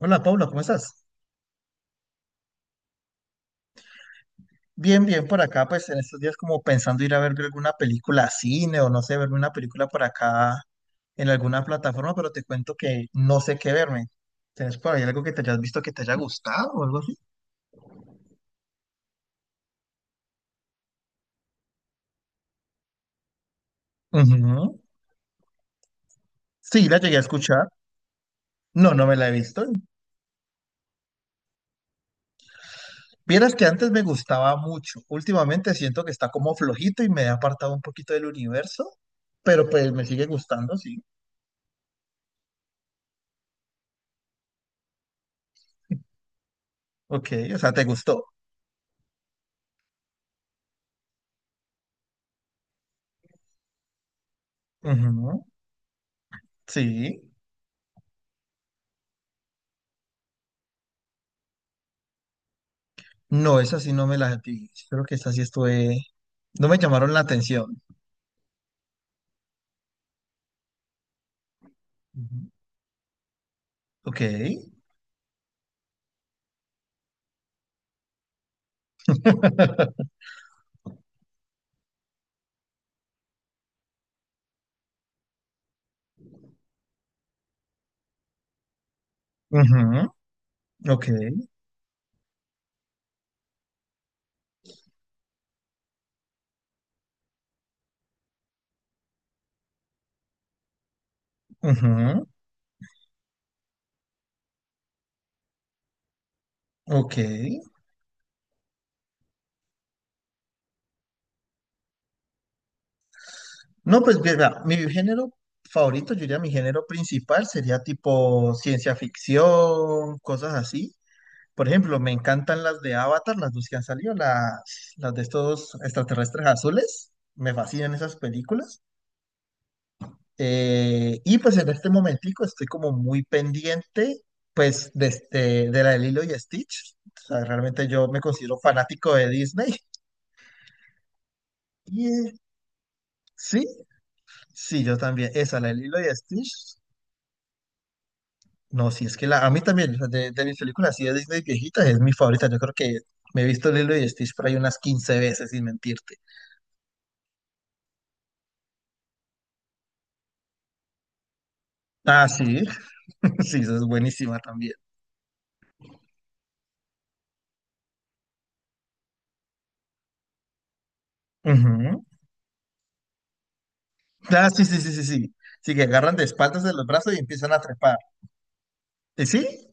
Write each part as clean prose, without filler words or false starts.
Hola, Paula. ¿Cómo estás? Bien, bien por acá, pues en estos días como pensando ir a ver alguna película a cine o no sé, verme una película por acá en alguna plataforma, pero te cuento que no sé qué verme. ¿Tienes por ahí algo que te hayas visto que te haya gustado o algo así? Ujú. Sí, la llegué a escuchar. No, no me la he visto. Vieras que antes me gustaba mucho. Últimamente siento que está como flojito y me he apartado un poquito del universo, pero pues me sigue gustando, sí. Ok, o sea, te gustó. Ujú. Sí. No, esa sí no me la vi. Creo que esa sí estuve. No me llamaron la atención. Ujú. Ok. Ujú. Ok. Ujú. Ok. No, pues mira, mi género favorito, yo diría mi género principal sería tipo ciencia ficción, cosas así. Por ejemplo, me encantan las de Avatar, las dos que han salido, las de estos extraterrestres azules. Me fascinan esas películas. Y pues en este momentico estoy como muy pendiente pues de la de Lilo y Stitch. O sea, realmente yo me considero fanático de Disney. Y eh, sí, sí, yo también. Esa, la de Lilo y Stitch. No, sí, es que a mí también, o sea, de mis películas así de Disney viejitas, es mi favorita. Yo creo que me he visto Lilo y Stitch por ahí unas 15 veces, sin mentirte. Ah, sí, sí, esa es buenísima también. Ujú. Ah, sí, sí, sí, sí, sí. Sí, que agarran de espaldas de los brazos y empiezan a trepar. ¿Y sí?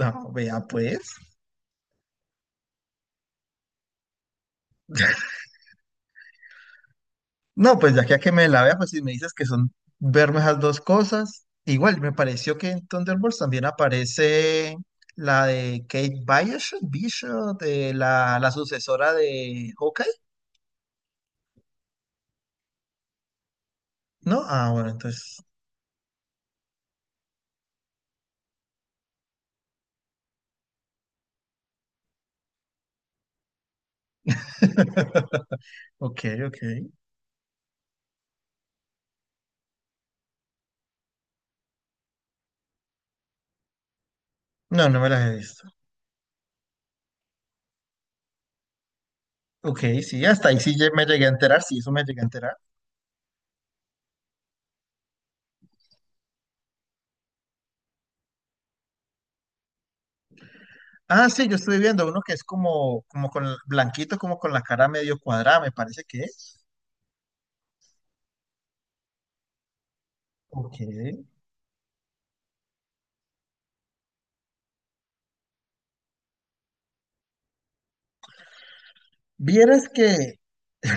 No, vea pues. No, pues ya que a que me la vea, pues si me dices que son verme esas dos cosas, igual me pareció que en Thunderbolts también aparece la de Kate Bishop, Bishop, de la sucesora de Hawkeye, ¿no? Ah, bueno, entonces. Ok, ok. No, no me las he visto. Ok, sí, hasta ahí sí me llegué a enterar, sí, eso me llegué a enterar. Ah, sí, yo estuve viendo uno que es como con blanquito, como con la cara medio cuadrada, me parece que es. Ok. Vieras que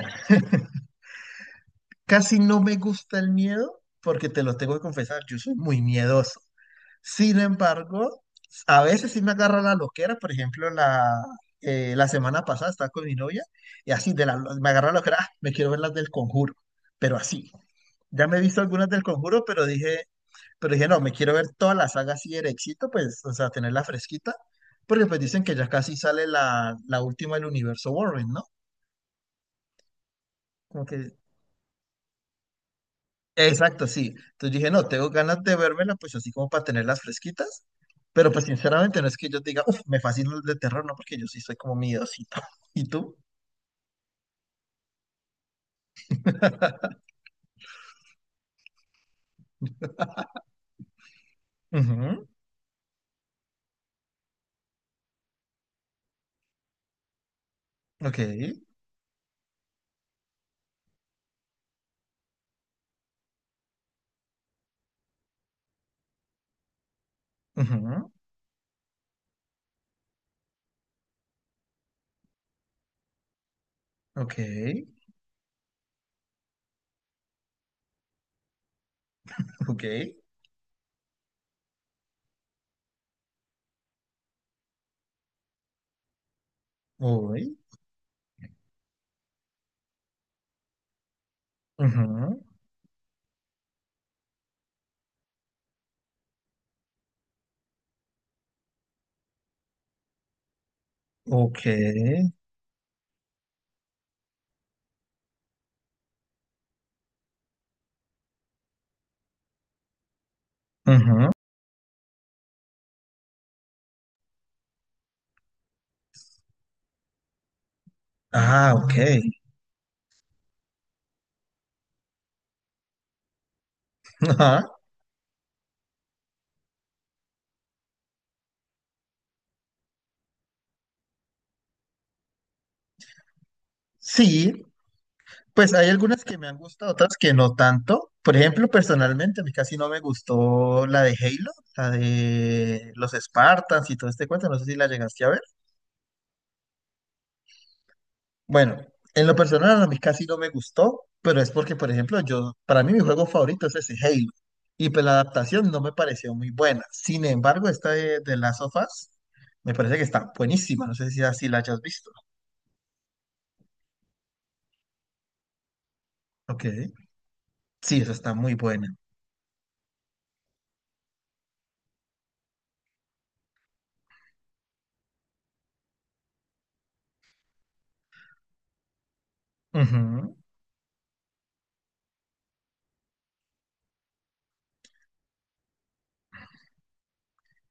casi no me gusta el miedo porque te lo tengo que confesar, yo soy muy miedoso. Sin embargo, a veces sí me agarra la loquera, por ejemplo, la semana pasada estaba con mi novia y así de la, me agarra la loquera, "Ah, me quiero ver las del Conjuro, pero así. Ya me he visto algunas del Conjuro, pero dije, no, me quiero ver toda la saga así de éxito, pues, o sea, tenerla fresquita, porque pues dicen que ya casi sale la última del universo Warren, ¿no? Como que Exacto, sí. Entonces dije, no, tengo ganas de vérmela, pues así como para tenerlas fresquitas. Pero pues sinceramente no es que yo diga, uff, me fascina el de terror, no, porque yo sí soy como miedosito. ¿Y tú? Ujú. Ok. Ujú. Ok. Ok. Uy. Ujú. Ok. Ujú. Ah, ok. Ajá. Sí, pues hay algunas que me han gustado, otras que no tanto. Por ejemplo, personalmente, a mí casi no me gustó la de Halo, la de los Spartans y todo este cuento. No sé si la llegaste a ver. Bueno, en lo personal a mí casi no me gustó, pero es porque, por ejemplo, yo, para mí mi juego favorito es ese Halo. Y pues la adaptación no me pareció muy buena. Sin embargo, esta de Last of Us me parece que está buenísima. No sé si así la hayas visto. Ok. Sí, esa está muy buena. Ujú.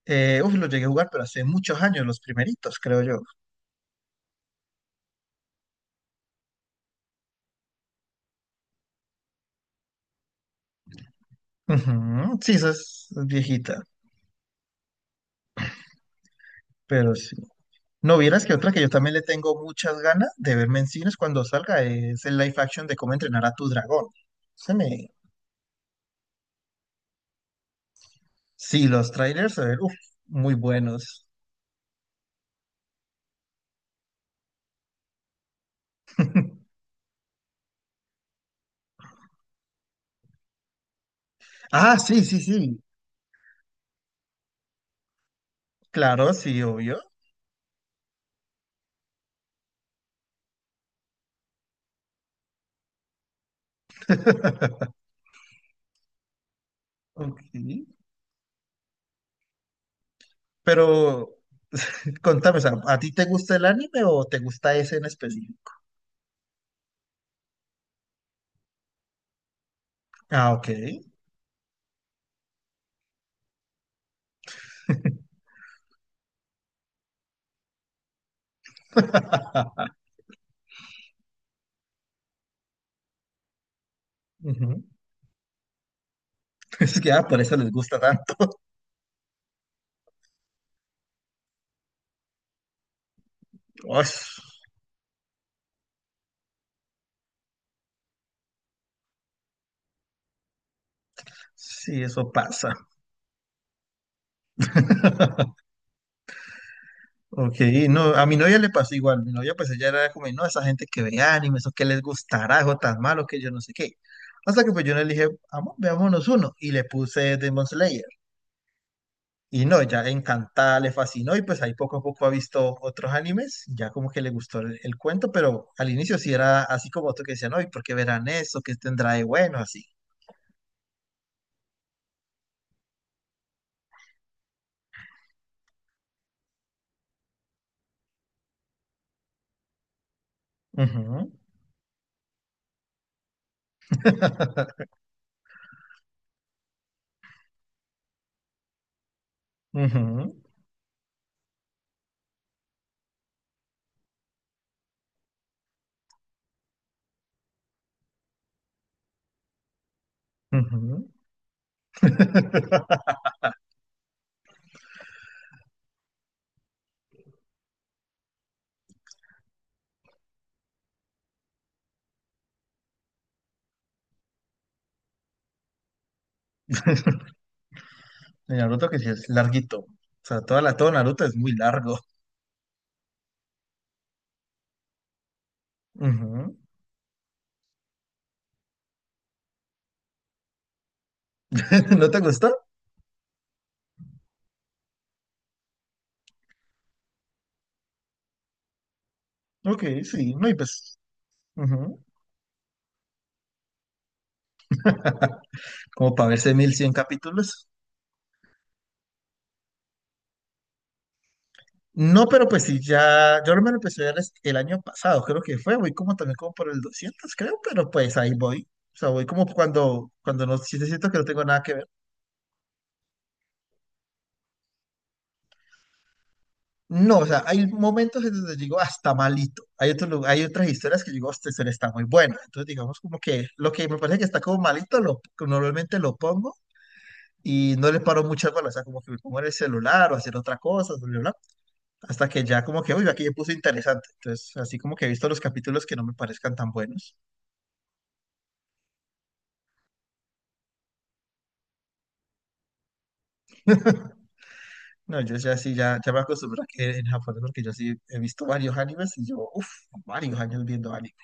Uf, lo llegué a jugar, pero hace muchos años, los primeritos, creo yo. Ujú, sí, esa es viejita, pero sí. No vieras que otra que yo también le tengo muchas ganas de verme en cines cuando salga es el live action de cómo entrenar a tu dragón. Se me... Sí, los trailers, a ver, uf, muy buenos. Ah, sí, sí, sí. Claro, sí, obvio. Ok. Pero contame, o sea, ¿a ti te gusta el anime o te gusta ese en específico? Ah, ok. Ujú. Es que por eso les gusta tanto. Ay, sí, eso pasa. Ok, no, a mi novia le pasó igual. Mi novia, pues ella era como, no, esa gente que ve anime, eso que les gustará, o tan malo que yo no sé qué. Hasta que pues yo le dije, vamos, veámonos uno. Y le puse Demon Slayer. Y no, ya encantada, le fascinó. Y pues ahí poco a poco ha visto otros animes. Ya como que le gustó el cuento, pero al inicio sí era así como otro que decía, no, ¿y por qué verán eso? ¿Qué tendrá de bueno? Así. Ujú. Ujú. Ujú. De Naruto que sí es larguito. O sea, todo Naruto es muy largo. Ujú. ¿No te gustó? Ok, sí, no, y pues. Ujú. Como para verse 1.100 capítulos. No, pero pues sí, ya. Yo me lo empecé a ver el año pasado, creo que fue. Voy como también como por el 200 creo, pero pues ahí voy. O sea, voy como cuando no sí sí siento que no tengo nada que ver. No, o sea, hay momentos en donde digo hasta malito. Hay otras historias que digo, esta historia está muy buena. Entonces, digamos como que lo que me parece que está como malito, normalmente lo pongo y no le paro muchas bolas. O sea, como que me pongo en el celular o hacer otra cosa, bla, bla, bla, hasta que ya como que, uy, aquí ya puse interesante. Entonces, así como que he visto los capítulos que no me parezcan tan buenos. No, yo ya sí, ya me acostumbro a que en japonés, porque yo sí he visto varios animes y yo, uff, varios años viendo anime.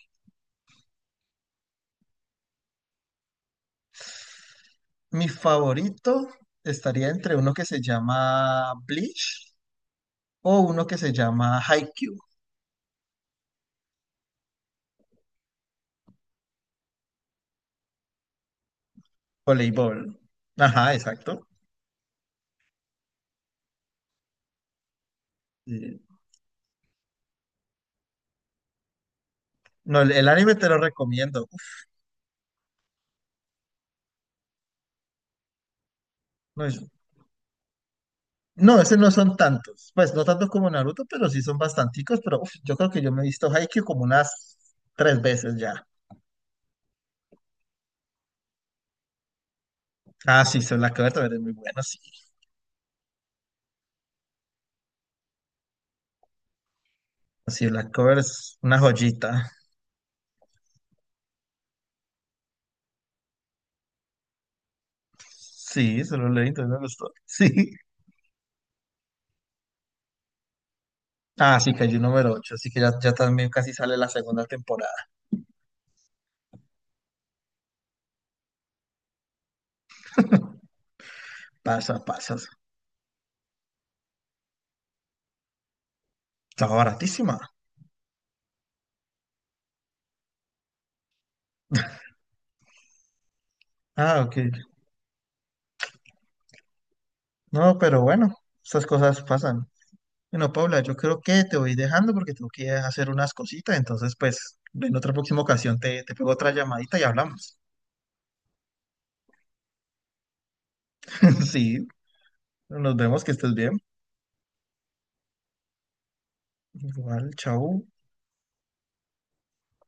Mi favorito estaría entre uno que se llama Bleach o uno que se llama Haikyuu, voleibol. Ajá, exacto. Eh, No el anime te lo recomiendo. Uf, no, no, ese no son tantos. Pues no tantos como Naruto, pero sí son bastanticos. Pero uf, yo creo que yo me he visto Haikyuu como unas 3 veces ya. Ah, sí, Soul Cover también es muy bueno, sí. Sí, Black Cover es una joyita. Sí, se lo leí, entonces me gustó. Sí. Ah, sí, cayó número 8 así que ya también casi sale la segunda temporada. Pasa, pasas. Estaba baratísima. Ah, ok. Ok. No, pero bueno, estas cosas pasan. Bueno, Paula, yo creo que te voy dejando porque tengo que hacer unas cositas. Entonces, pues, en otra próxima ocasión te pego otra llamadita y hablamos. Sí, nos vemos, que estés bien. Igual, chau.